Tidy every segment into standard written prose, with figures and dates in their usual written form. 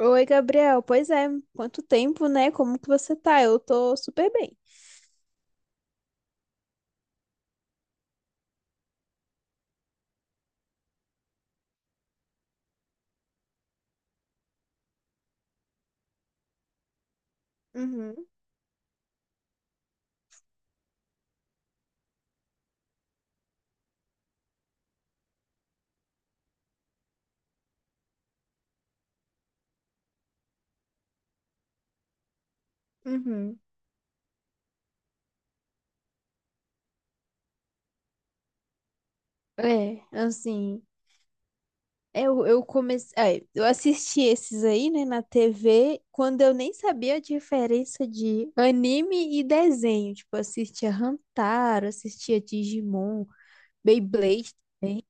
Oi, Gabriel. Pois é, quanto tempo, né? Como que você tá? Eu tô super bem. Uhum, uhum. É, assim, eu comecei, é, eu assisti esses aí, né, na TV, quando eu nem sabia a diferença de anime e desenho. Tipo, eu assistia Hantaro, assistia Digimon, Beyblade,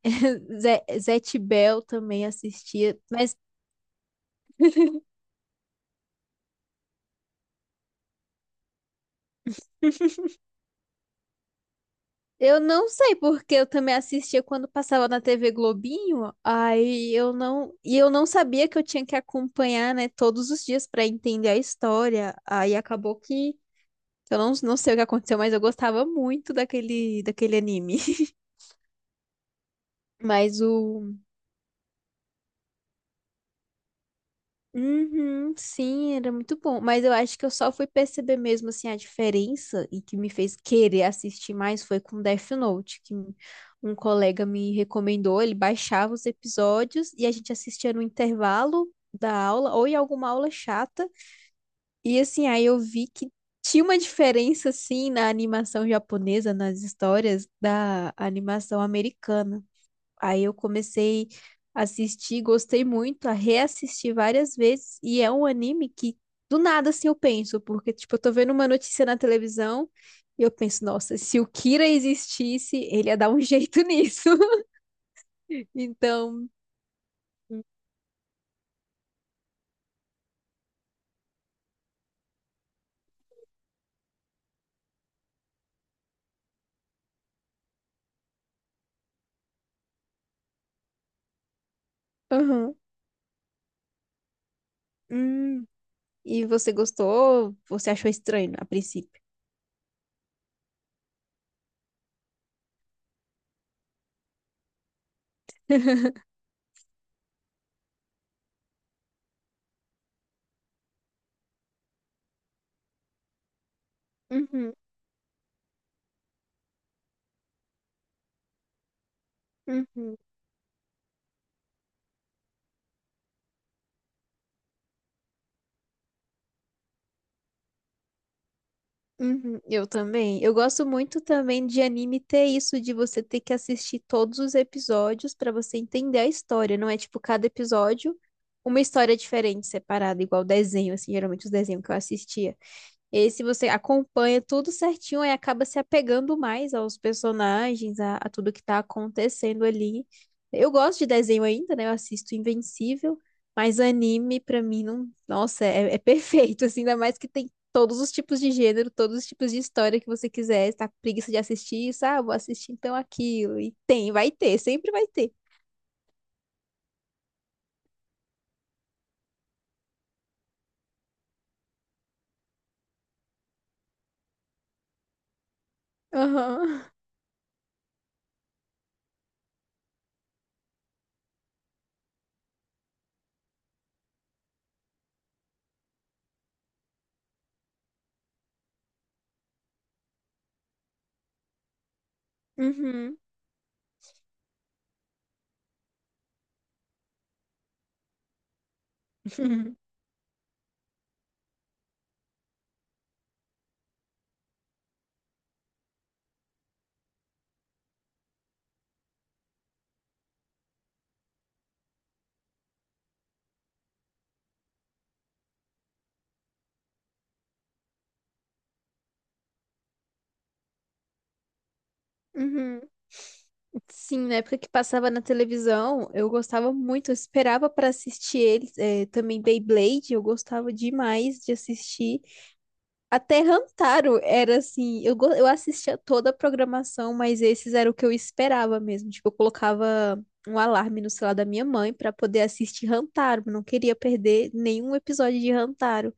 Zet Bell também assistia. Mas eu não sei porque eu também assistia quando passava na TV Globinho. Aí eu não, e eu não sabia que eu tinha que acompanhar, né, todos os dias para entender a história. Aí acabou que Eu não, não sei o que aconteceu, mas eu gostava muito daquele anime. Mas o. Uhum, sim, era muito bom. Mas eu acho que eu só fui perceber mesmo assim a diferença e que me fez querer assistir mais foi com Death Note, que um colega me recomendou. Ele baixava os episódios e a gente assistia no intervalo da aula ou em alguma aula chata. E assim, aí eu vi que tinha uma diferença assim na animação japonesa, nas histórias da animação americana. Aí eu comecei a assistir, gostei muito, a reassistir várias vezes, e é um anime que do nada assim eu penso, porque tipo, eu tô vendo uma notícia na televisão e eu penso, nossa, se o Kira existisse, ele ia dar um jeito nisso. Então, aham. Hum, e você gostou? Você achou estranho a princípio? Uhum, uhum, uhum. Eu também. Eu gosto muito também de anime ter isso de você ter que assistir todos os episódios pra você entender a história. Não é tipo cada episódio uma história diferente, separada, igual desenho, assim, geralmente os desenhos que eu assistia. Esse você acompanha tudo certinho e acaba se apegando mais aos personagens, a tudo que tá acontecendo ali. Eu gosto de desenho ainda, né? Eu assisto Invencível, mas anime pra mim não, nossa, é perfeito, assim, ainda mais que tem todos os tipos de gênero, todos os tipos de história que você quiser, tá com preguiça de assistir, sabe ah, vou assistir então aquilo. E tem, vai ter, sempre vai ter. Aham. Uhum. Uhum. Uhum. Sim, na época que passava na televisão, eu gostava muito, eu esperava para assistir eles, também Beyblade, eu gostava demais de assistir. Até Hamtaro era assim, eu, eu assistia toda a programação, mas esses era o que eu esperava mesmo. Tipo, eu colocava um alarme no celular da minha mãe para poder assistir Hamtaro, não queria perder nenhum episódio de Hamtaro.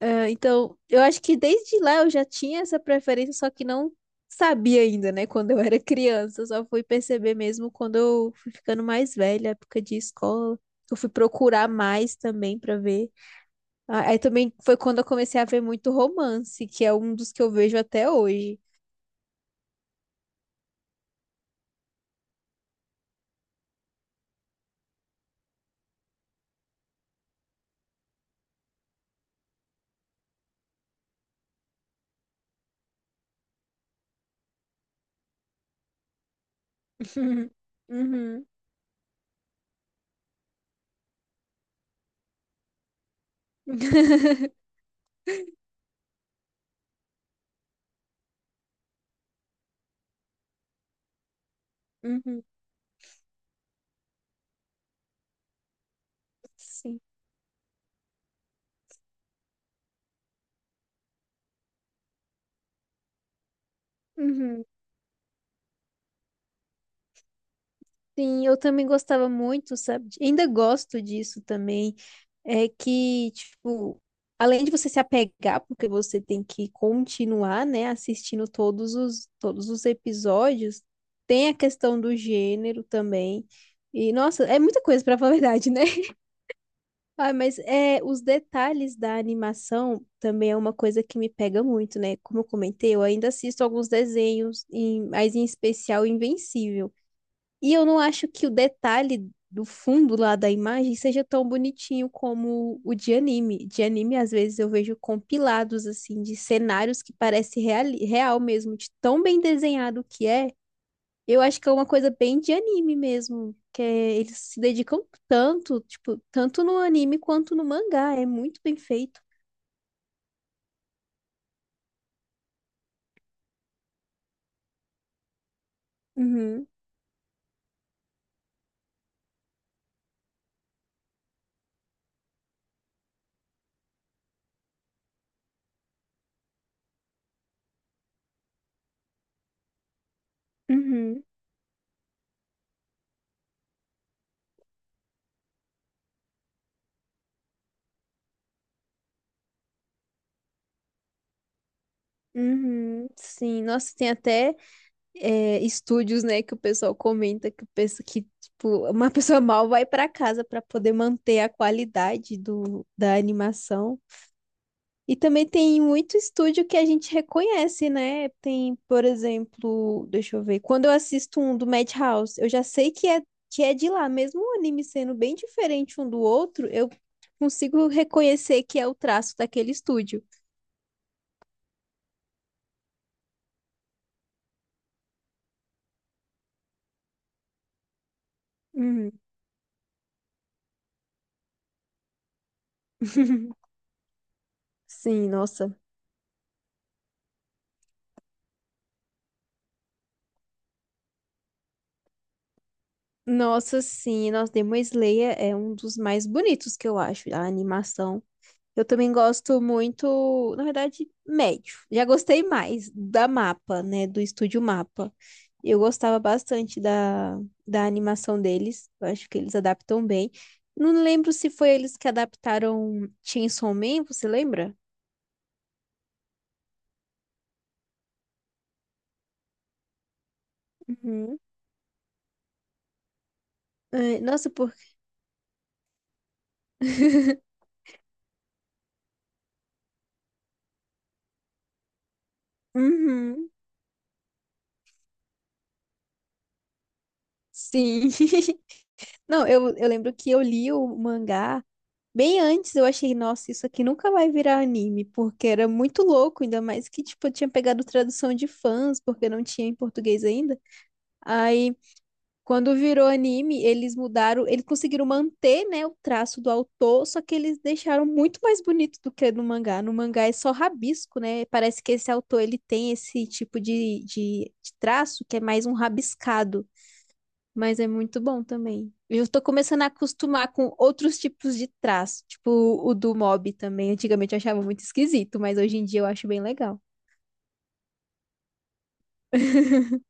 Ah, então, eu acho que desde lá eu já tinha essa preferência, só que não sabia ainda, né? Quando eu era criança, eu só fui perceber mesmo quando eu fui ficando mais velha, época de escola. Eu fui procurar mais também pra ver. Ah, aí também foi quando eu comecei a ver muito romance, que é um dos que eu vejo até hoje. Uhum. Uhum. Uhum. Sim. Uhum. Sim, eu também gostava muito, sabe? Ainda gosto disso também. É que, tipo, além de você se apegar, porque você tem que continuar, né, assistindo todos os episódios, tem a questão do gênero também. E, nossa, é muita coisa pra falar a verdade, né? Ah, mas é, os detalhes da animação também é uma coisa que me pega muito, né? Como eu comentei, eu ainda assisto alguns desenhos, mas em especial Invencível. E eu não acho que o detalhe do fundo lá da imagem seja tão bonitinho como o de anime. De anime, às vezes, eu vejo compilados, assim, de cenários que parece real mesmo, de tão bem desenhado que é. Eu acho que é uma coisa bem de anime mesmo, eles se dedicam tanto, tipo, tanto no anime quanto no mangá. É muito bem feito. Uhum, uhum, uhum. Sim, nossa, tem até estúdios, né, que o pessoal comenta que, o pessoal, que tipo, uma pessoa mal vai para casa para poder manter a qualidade do, da animação. E também tem muito estúdio que a gente reconhece, né? Tem, por exemplo, deixa eu ver, quando eu assisto um do Madhouse, eu já sei que é de lá, mesmo o anime sendo bem diferente um do outro, eu consigo reconhecer que é o traço daquele estúdio. Uhum. Sim, nossa. Nossa, sim, nossa, Demon Slayer é um dos mais bonitos que eu acho, a animação. Eu também gosto muito, na verdade, médio. Já gostei mais da Mapa, né, do estúdio Mapa. Eu gostava bastante da animação deles, eu acho que eles adaptam bem. Não lembro se foi eles que adaptaram Chainsaw Man, você lembra? Uhum. Ai, nossa, por... Uhum, sim. Não, eu lembro que eu li o mangá bem antes eu achei, nossa, isso aqui nunca vai virar anime, porque era muito louco, ainda mais que, tipo, eu tinha pegado tradução de fãs, porque não tinha em português ainda. Aí, quando virou anime, eles mudaram, eles conseguiram manter, né, o traço do autor, só que eles deixaram muito mais bonito do que no mangá. No mangá é só rabisco, né? Parece que esse autor, ele tem esse tipo de traço que é mais um rabiscado. Mas é muito bom também. Eu tô começando a acostumar com outros tipos de traço, tipo o do mob também. Antigamente eu achava muito esquisito, mas hoje em dia eu acho bem legal.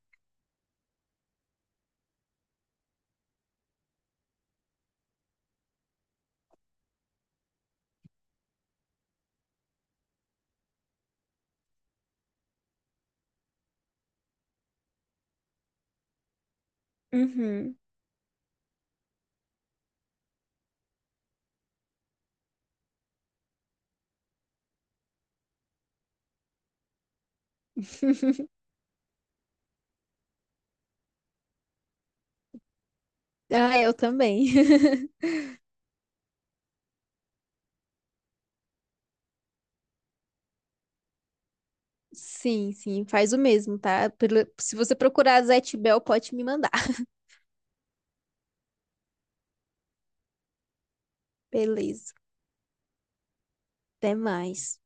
Uhum. Ah, eu também. Sim, sim, faz o mesmo, tá? Se você procurar Zé Bell, pode me mandar. Beleza, até mais.